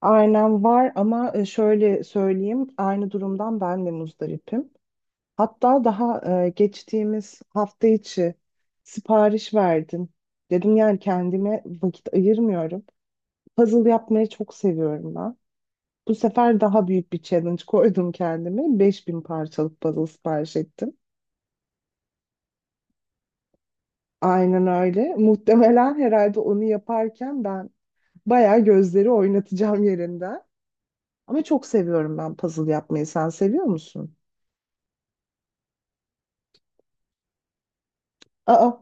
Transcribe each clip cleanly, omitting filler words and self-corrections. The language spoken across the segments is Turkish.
Aynen var ama şöyle söyleyeyim aynı durumdan ben de muzdaripim. Hatta daha geçtiğimiz hafta içi sipariş verdim. Dedim yani kendime vakit ayırmıyorum. Puzzle yapmayı çok seviyorum ben. Bu sefer daha büyük bir challenge koydum kendime. 5.000 parçalık puzzle sipariş ettim. Aynen öyle. Muhtemelen herhalde onu yaparken ben bayağı gözleri oynatacağım yerinden. Ama çok seviyorum ben puzzle yapmayı. Sen seviyor musun? Aa.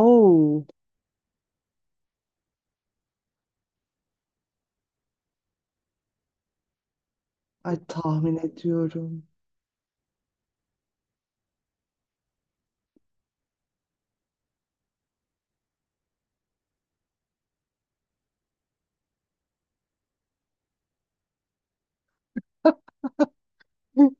Oo, ay tahmin ediyorum. Hı.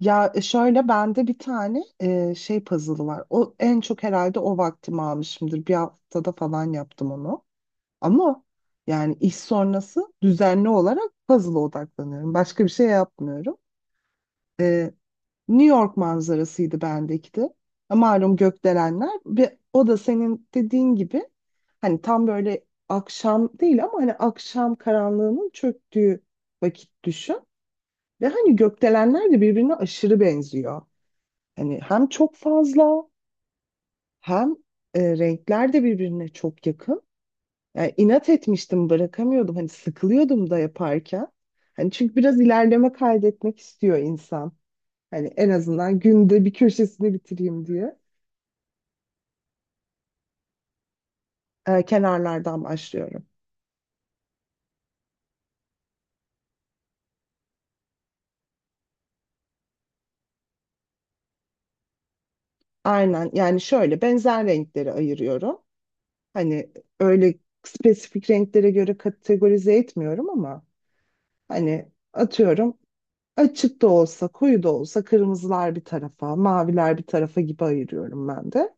Şöyle bende bir tane şey puzzle'ı var. O en çok herhalde o vaktimi almışımdır. Bir haftada falan yaptım onu. Ama yani iş sonrası düzenli olarak puzzle'a odaklanıyorum. Başka bir şey yapmıyorum. E, New York manzarasıydı bendeki de. Malum gökdelenler ve o da senin dediğin gibi hani tam böyle akşam değil ama hani akşam karanlığının çöktüğü vakit düşün. Ve hani gökdelenler de birbirine aşırı benziyor. Hani hem çok fazla hem renkler de birbirine çok yakın. Yani inat etmiştim bırakamıyordum. Hani sıkılıyordum da yaparken. Hani çünkü biraz ilerleme kaydetmek istiyor insan. Hani en azından günde bir köşesini bitireyim diye. Kenarlardan başlıyorum. Aynen yani şöyle benzer renkleri ayırıyorum. Hani öyle spesifik renklere göre kategorize etmiyorum ama hani atıyorum, açık da olsa, koyu da olsa kırmızılar bir tarafa, maviler bir tarafa gibi ayırıyorum ben de.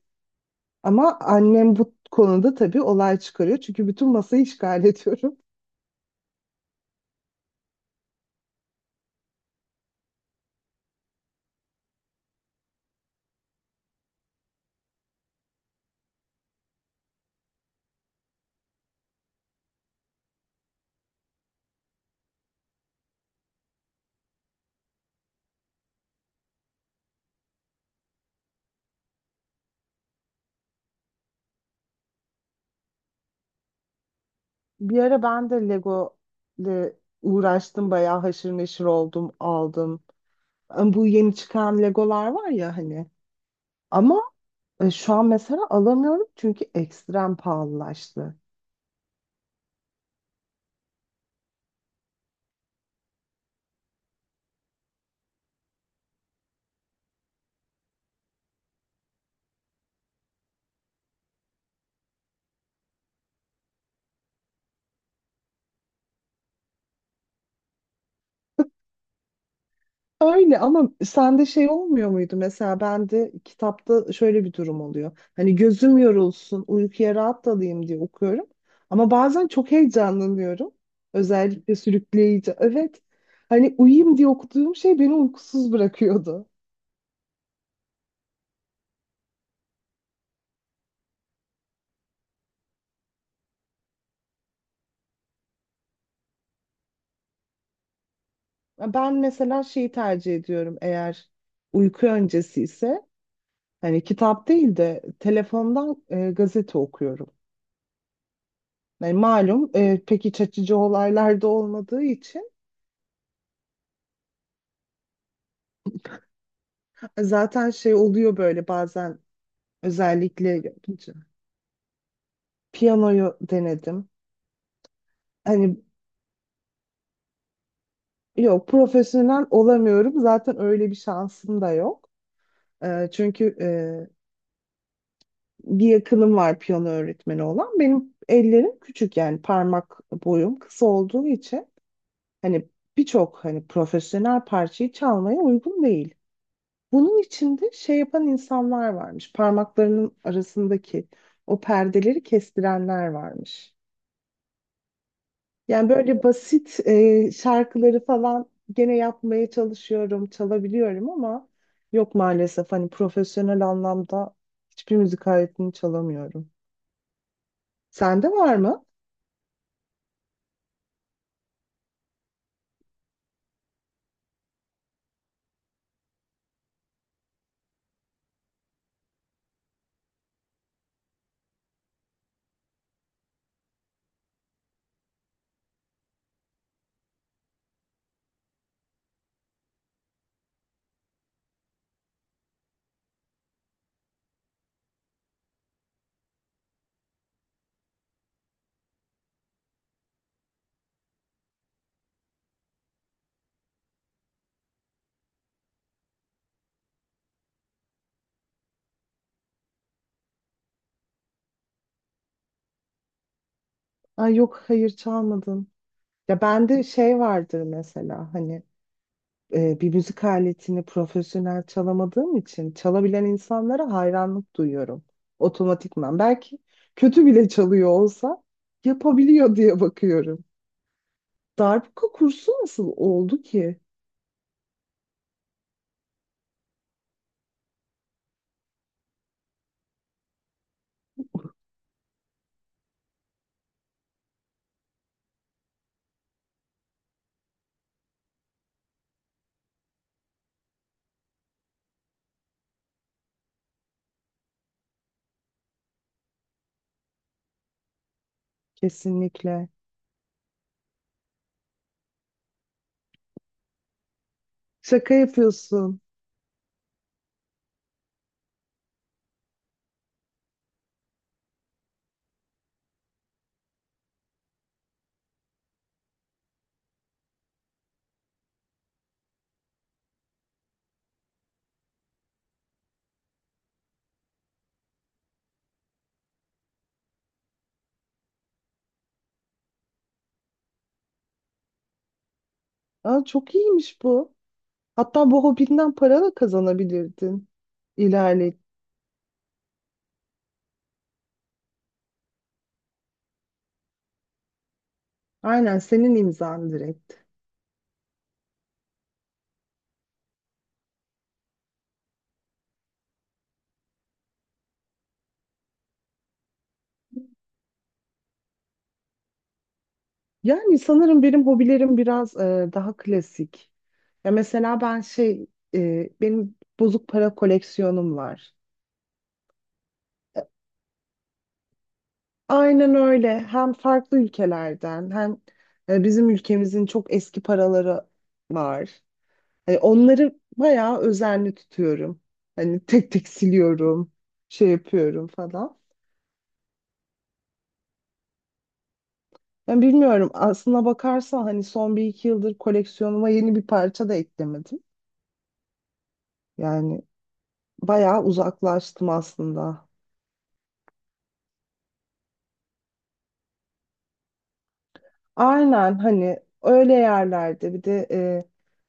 Ama annem bu konuda tabii olay çıkarıyor. Çünkü bütün masayı işgal ediyorum. Bir ara ben de Lego ile uğraştım. Bayağı haşır neşir oldum, aldım. Ama bu yeni çıkan Legolar var ya hani. Ama şu an mesela alamıyorum çünkü ekstrem pahalılaştı. Öyle ama sende şey olmuyor muydu, mesela bende kitapta şöyle bir durum oluyor. Hani gözüm yorulsun, uykuya rahat dalayım diye okuyorum. Ama bazen çok heyecanlanıyorum. Özellikle sürükleyici. Evet. Hani uyuyayım diye okuduğum şey beni uykusuz bırakıyordu. Ben mesela şeyi tercih ediyorum, eğer uyku öncesi ise hani kitap değil de telefondan gazete okuyorum. Yani malum pek iç açıcı olaylar da olmadığı için. Zaten şey oluyor böyle bazen özellikle piyanoyu denedim. Hani yok, profesyonel olamıyorum. Zaten öyle bir şansım da yok. Çünkü bir yakınım var piyano öğretmeni olan. Benim ellerim küçük, yani parmak boyum kısa olduğu için hani birçok hani profesyonel parçayı çalmaya uygun değil. Bunun içinde şey yapan insanlar varmış. Parmaklarının arasındaki o perdeleri kestirenler varmış. Yani böyle basit şarkıları falan gene yapmaya çalışıyorum, çalabiliyorum ama yok maalesef hani profesyonel anlamda hiçbir müzik aletini çalamıyorum. Sende var mı? Ay yok, hayır çalmadın. Ya bende şey vardır, mesela hani bir müzik aletini profesyonel çalamadığım için çalabilen insanlara hayranlık duyuyorum otomatikman. Belki kötü bile çalıyor olsa yapabiliyor diye bakıyorum. Darbuka kursu nasıl oldu ki? Kesinlikle. Şaka yapıyorsun. Aa, çok iyiymiş bu. Hatta bu hobinden para da kazanabilirdin. İlerle. Aynen, senin imzan direkt. Yani sanırım benim hobilerim biraz daha klasik. Ya mesela ben benim bozuk para koleksiyonum var. E, Aynen öyle. Hem farklı ülkelerden hem bizim ülkemizin çok eski paraları var. Onları bayağı özenli tutuyorum. Hani tek tek siliyorum, şey yapıyorum falan. Ben bilmiyorum. Aslına bakarsan hani son bir iki yıldır koleksiyonuma yeni bir parça da eklemedim. Yani bayağı uzaklaştım aslında. Aynen, hani öyle yerlerde bir de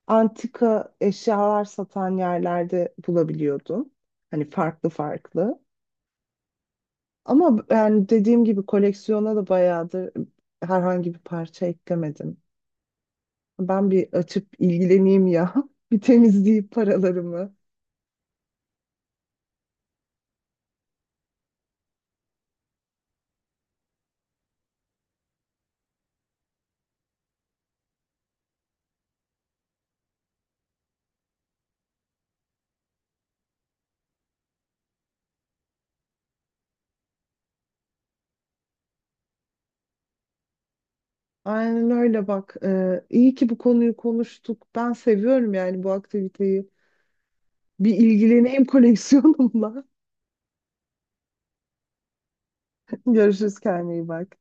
antika eşyalar satan yerlerde bulabiliyordum. Hani farklı farklı. Ama yani dediğim gibi koleksiyona da bayağıdır herhangi bir parça eklemedim. Ben bir açıp ilgileneyim ya. Bir temizleyip paralarımı. Aynen öyle bak. İyi ki bu konuyu konuştuk. Ben seviyorum yani bu aktiviteyi. Bir ilgileneyim koleksiyonumla. Görüşürüz, kendine iyi bak.